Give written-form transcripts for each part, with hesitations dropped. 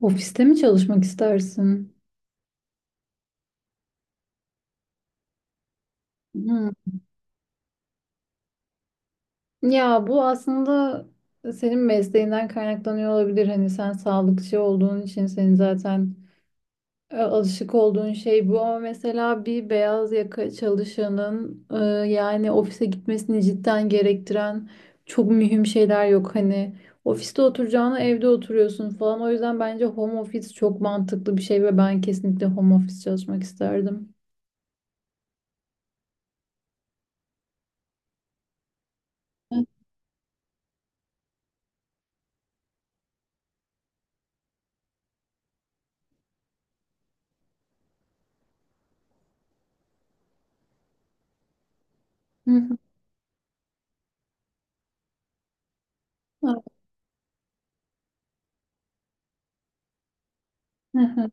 Ofiste mi çalışmak istersin? Hı. Ya bu aslında senin mesleğinden kaynaklanıyor olabilir. Hani sen sağlıkçı olduğun için senin zaten alışık olduğun şey bu. Ama mesela bir beyaz yaka çalışanın yani ofise gitmesini cidden gerektiren çok mühim şeyler yok. Hani ofiste oturacağına evde oturuyorsun falan. O yüzden bence home office çok mantıklı bir şey ve ben kesinlikle home office çalışmak isterdim. Hı hı. Hı hı.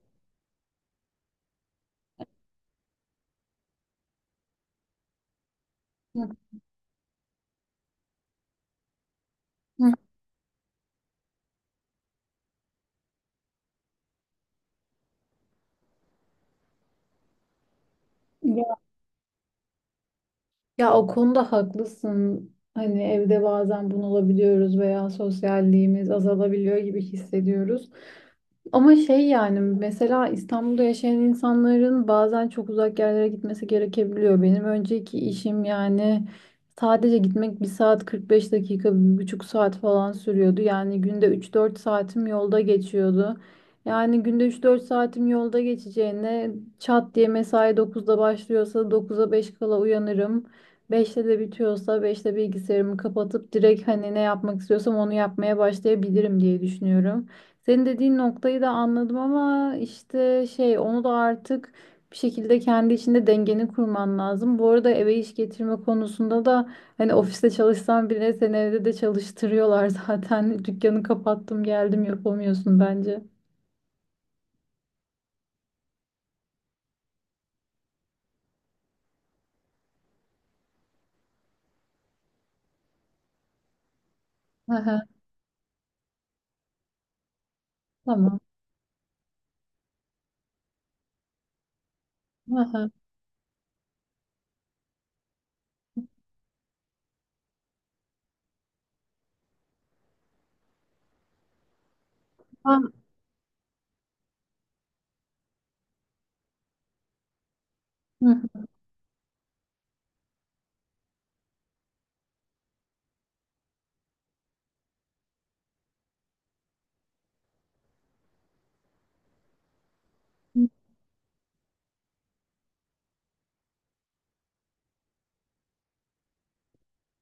Hı hı. Ya o konuda haklısın. Hani evde bazen bunalabiliyoruz veya sosyalliğimiz azalabiliyor gibi hissediyoruz. Ama şey yani mesela İstanbul'da yaşayan insanların bazen çok uzak yerlere gitmesi gerekebiliyor. Benim önceki işim yani sadece gitmek bir saat 45 dakika, bir buçuk saat falan sürüyordu. Yani günde 3-4 saatim yolda geçiyordu. Yani günde üç dört saatim yolda geçeceğine çat diye mesai 9'da başlıyorsa 9'a 5 kala uyanırım. 5'te de bitiyorsa 5'te bilgisayarımı kapatıp direkt hani ne yapmak istiyorsam onu yapmaya başlayabilirim diye düşünüyorum. Senin dediğin noktayı da anladım ama işte şey onu da artık bir şekilde kendi içinde dengeni kurman lazım. Bu arada eve iş getirme konusunda da hani ofiste çalışsan bile seni evde de çalıştırıyorlar zaten. Dükkanı kapattım geldim yapamıyorsun bence. Aha, tamam. Aha. Ben- Hı hı.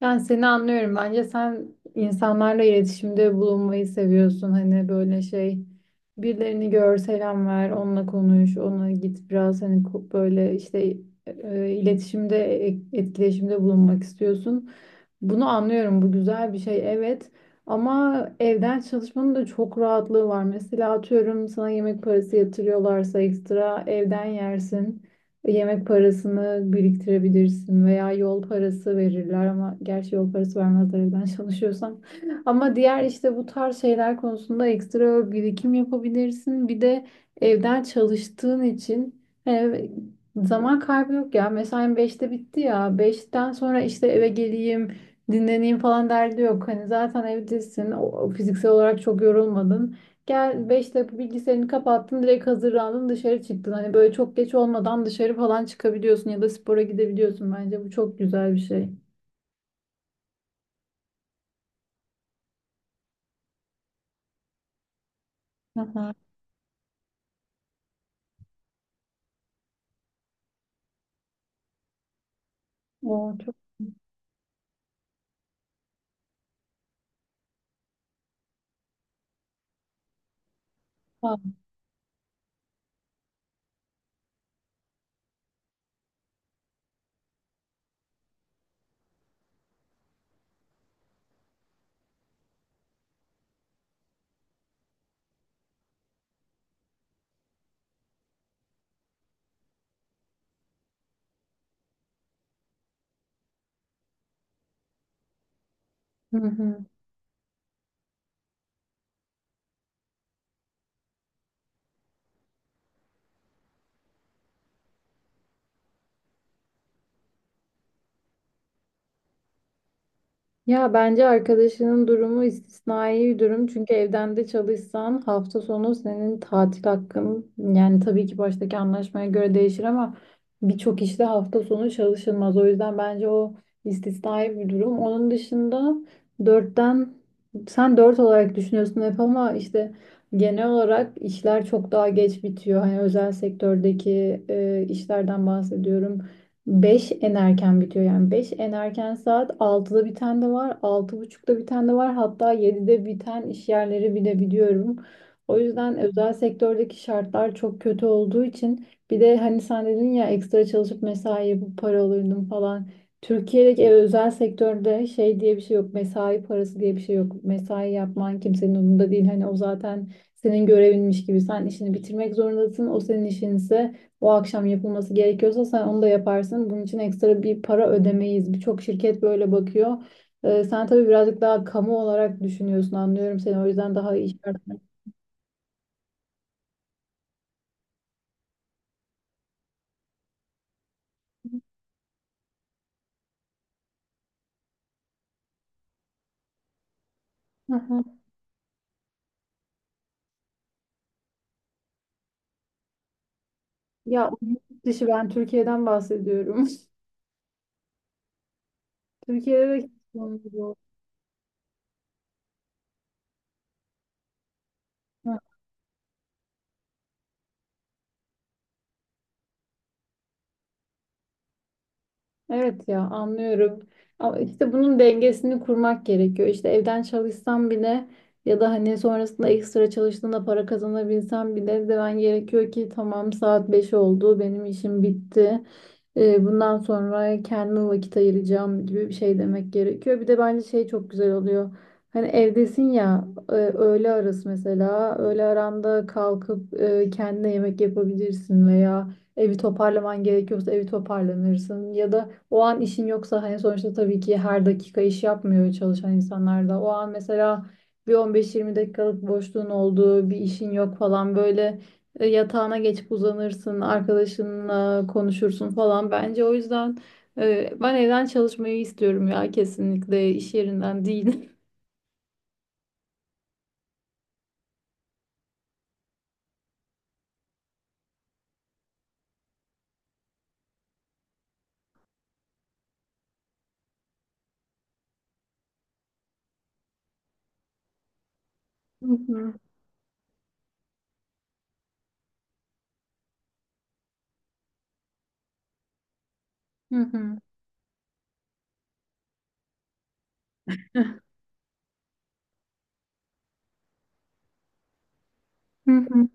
Yani seni anlıyorum. Bence sen insanlarla iletişimde bulunmayı seviyorsun. Hani böyle şey birilerini gör, selam ver, onunla konuş, ona git biraz hani böyle işte e, e, iletişimde, etkileşimde bulunmak istiyorsun. Bunu anlıyorum. Bu güzel bir şey. Evet. Ama evden çalışmanın da çok rahatlığı var. Mesela atıyorum sana yemek parası yatırıyorlarsa ekstra evden yersin. Yemek parasını biriktirebilirsin veya yol parası verirler ama gerçi yol parası vermezler evden çalışıyorsan. Ama diğer işte bu tarz şeyler konusunda ekstra birikim yapabilirsin. Bir de evden çalıştığın için hani zaman kaybı yok ya. Mesain 5'te bitti ya. 5'ten sonra işte eve geleyim. Dinleneyim falan derdi yok. Hani zaten evdesin. O fiziksel olarak çok yorulmadın. Gel 5 dakika bilgisayarını kapattın. Direkt hazırlandın dışarı çıktın. Hani böyle çok geç olmadan dışarı falan çıkabiliyorsun ya da spora gidebiliyorsun bence. Bu çok güzel bir şey. Hı hı. O çok. Hı hı. Ya bence arkadaşının durumu istisnai bir durum. Çünkü evden de çalışsan hafta sonu senin tatil hakkın yani tabii ki baştaki anlaşmaya göre değişir ama birçok işte hafta sonu çalışılmaz. O yüzden bence o istisnai bir durum. Onun dışında dörtten sen dört olarak düşünüyorsun hep ama işte genel olarak işler çok daha geç bitiyor. Hani özel sektördeki işlerden bahsediyorum. 5 en erken bitiyor, yani 5 en erken. Saat 6'da biten de var, 6:30'da biten de var, hatta 7'de biten iş yerleri bile biliyorum. O yüzden özel sektördeki şartlar çok kötü olduğu için bir de hani sen dedin ya ekstra çalışıp mesai yapıp para alırdım falan. Türkiye'deki özel sektörde şey diye bir şey yok, mesai parası diye bir şey yok. Mesai yapman kimsenin umurunda değil, hani o zaten senin görevinmiş gibi sen işini bitirmek zorundasın. O senin işinse o akşam yapılması gerekiyorsa sen onu da yaparsın. Bunun için ekstra bir para ödemeyiz. Birçok şirket böyle bakıyor. Sen tabii birazcık daha kamu olarak düşünüyorsun, anlıyorum seni. O yüzden daha iyi işler. Hı hı. Ya o yurt dışı, ben Türkiye'den bahsediyorum. Türkiye'de de hiç olmuyor. Evet ya, anlıyorum. Ama işte bunun dengesini kurmak gerekiyor. İşte evden çalışsam bile ya da hani sonrasında ekstra çalıştığında para kazanabilsem bile demen gerekiyor ki tamam, saat 5 oldu, benim işim bitti. Bundan sonra kendime vakit ayıracağım gibi bir şey demek gerekiyor. Bir de bence şey çok güzel oluyor. Hani evdesin ya, öğle arası mesela öğle aranda kalkıp kendine yemek yapabilirsin veya evi toparlaman gerekiyorsa evi toparlanırsın ya da o an işin yoksa, hani sonuçta tabii ki her dakika iş yapmıyor çalışan insanlar da. O an mesela bir 15-20 dakikalık boşluğun olduğu bir işin yok falan, böyle yatağına geçip uzanırsın, arkadaşınla konuşursun falan. Bence o yüzden ben evden çalışmayı istiyorum ya, kesinlikle iş yerinden değil. Hı hı. Hı hı. Hı hı.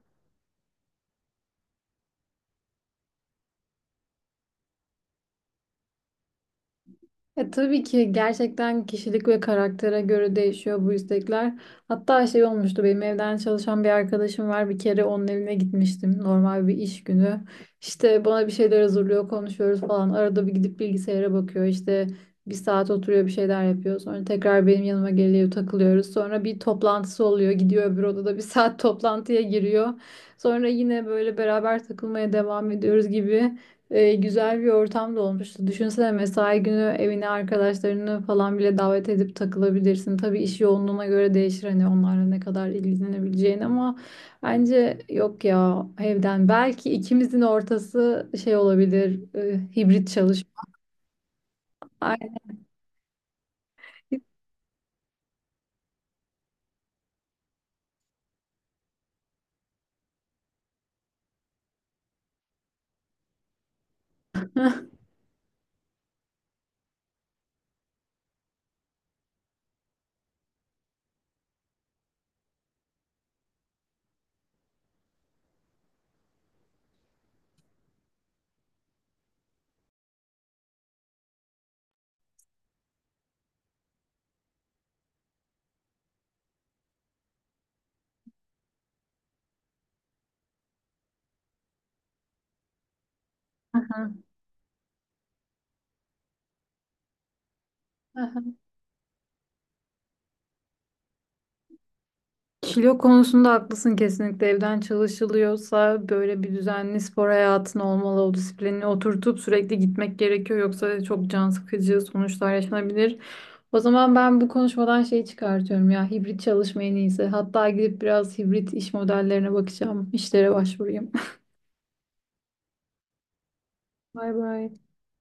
Tabii ki gerçekten kişilik ve karaktere göre değişiyor bu istekler. Hatta şey olmuştu, benim evden çalışan bir arkadaşım var. Bir kere onun evine gitmiştim normal bir iş günü. İşte bana bir şeyler hazırlıyor, konuşuyoruz falan. Arada bir gidip bilgisayara bakıyor. İşte bir saat oturuyor bir şeyler yapıyor. Sonra tekrar benim yanıma geliyor, takılıyoruz. Sonra bir toplantısı oluyor. Gidiyor öbür odada bir saat toplantıya giriyor. Sonra yine böyle beraber takılmaya devam ediyoruz gibi güzel bir ortam da olmuştu. Düşünsene, mesai günü evine arkadaşlarını falan bile davet edip takılabilirsin. Tabii iş yoğunluğuna göre değişir hani onlarla ne kadar ilgilenebileceğin, ama bence yok ya, evden. Belki ikimizin ortası şey olabilir, hibrit çalışma. Aynen. Kilo konusunda haklısın, kesinlikle evden çalışılıyorsa böyle bir düzenli spor hayatın olmalı, o disiplinini oturtup sürekli gitmek gerekiyor yoksa çok can sıkıcı sonuçlar yaşanabilir. O zaman ben bu konuşmadan şeyi çıkartıyorum ya, hibrit çalışma en iyisi, hatta gidip biraz hibrit iş modellerine bakacağım, işlere başvurayım. Bay bay.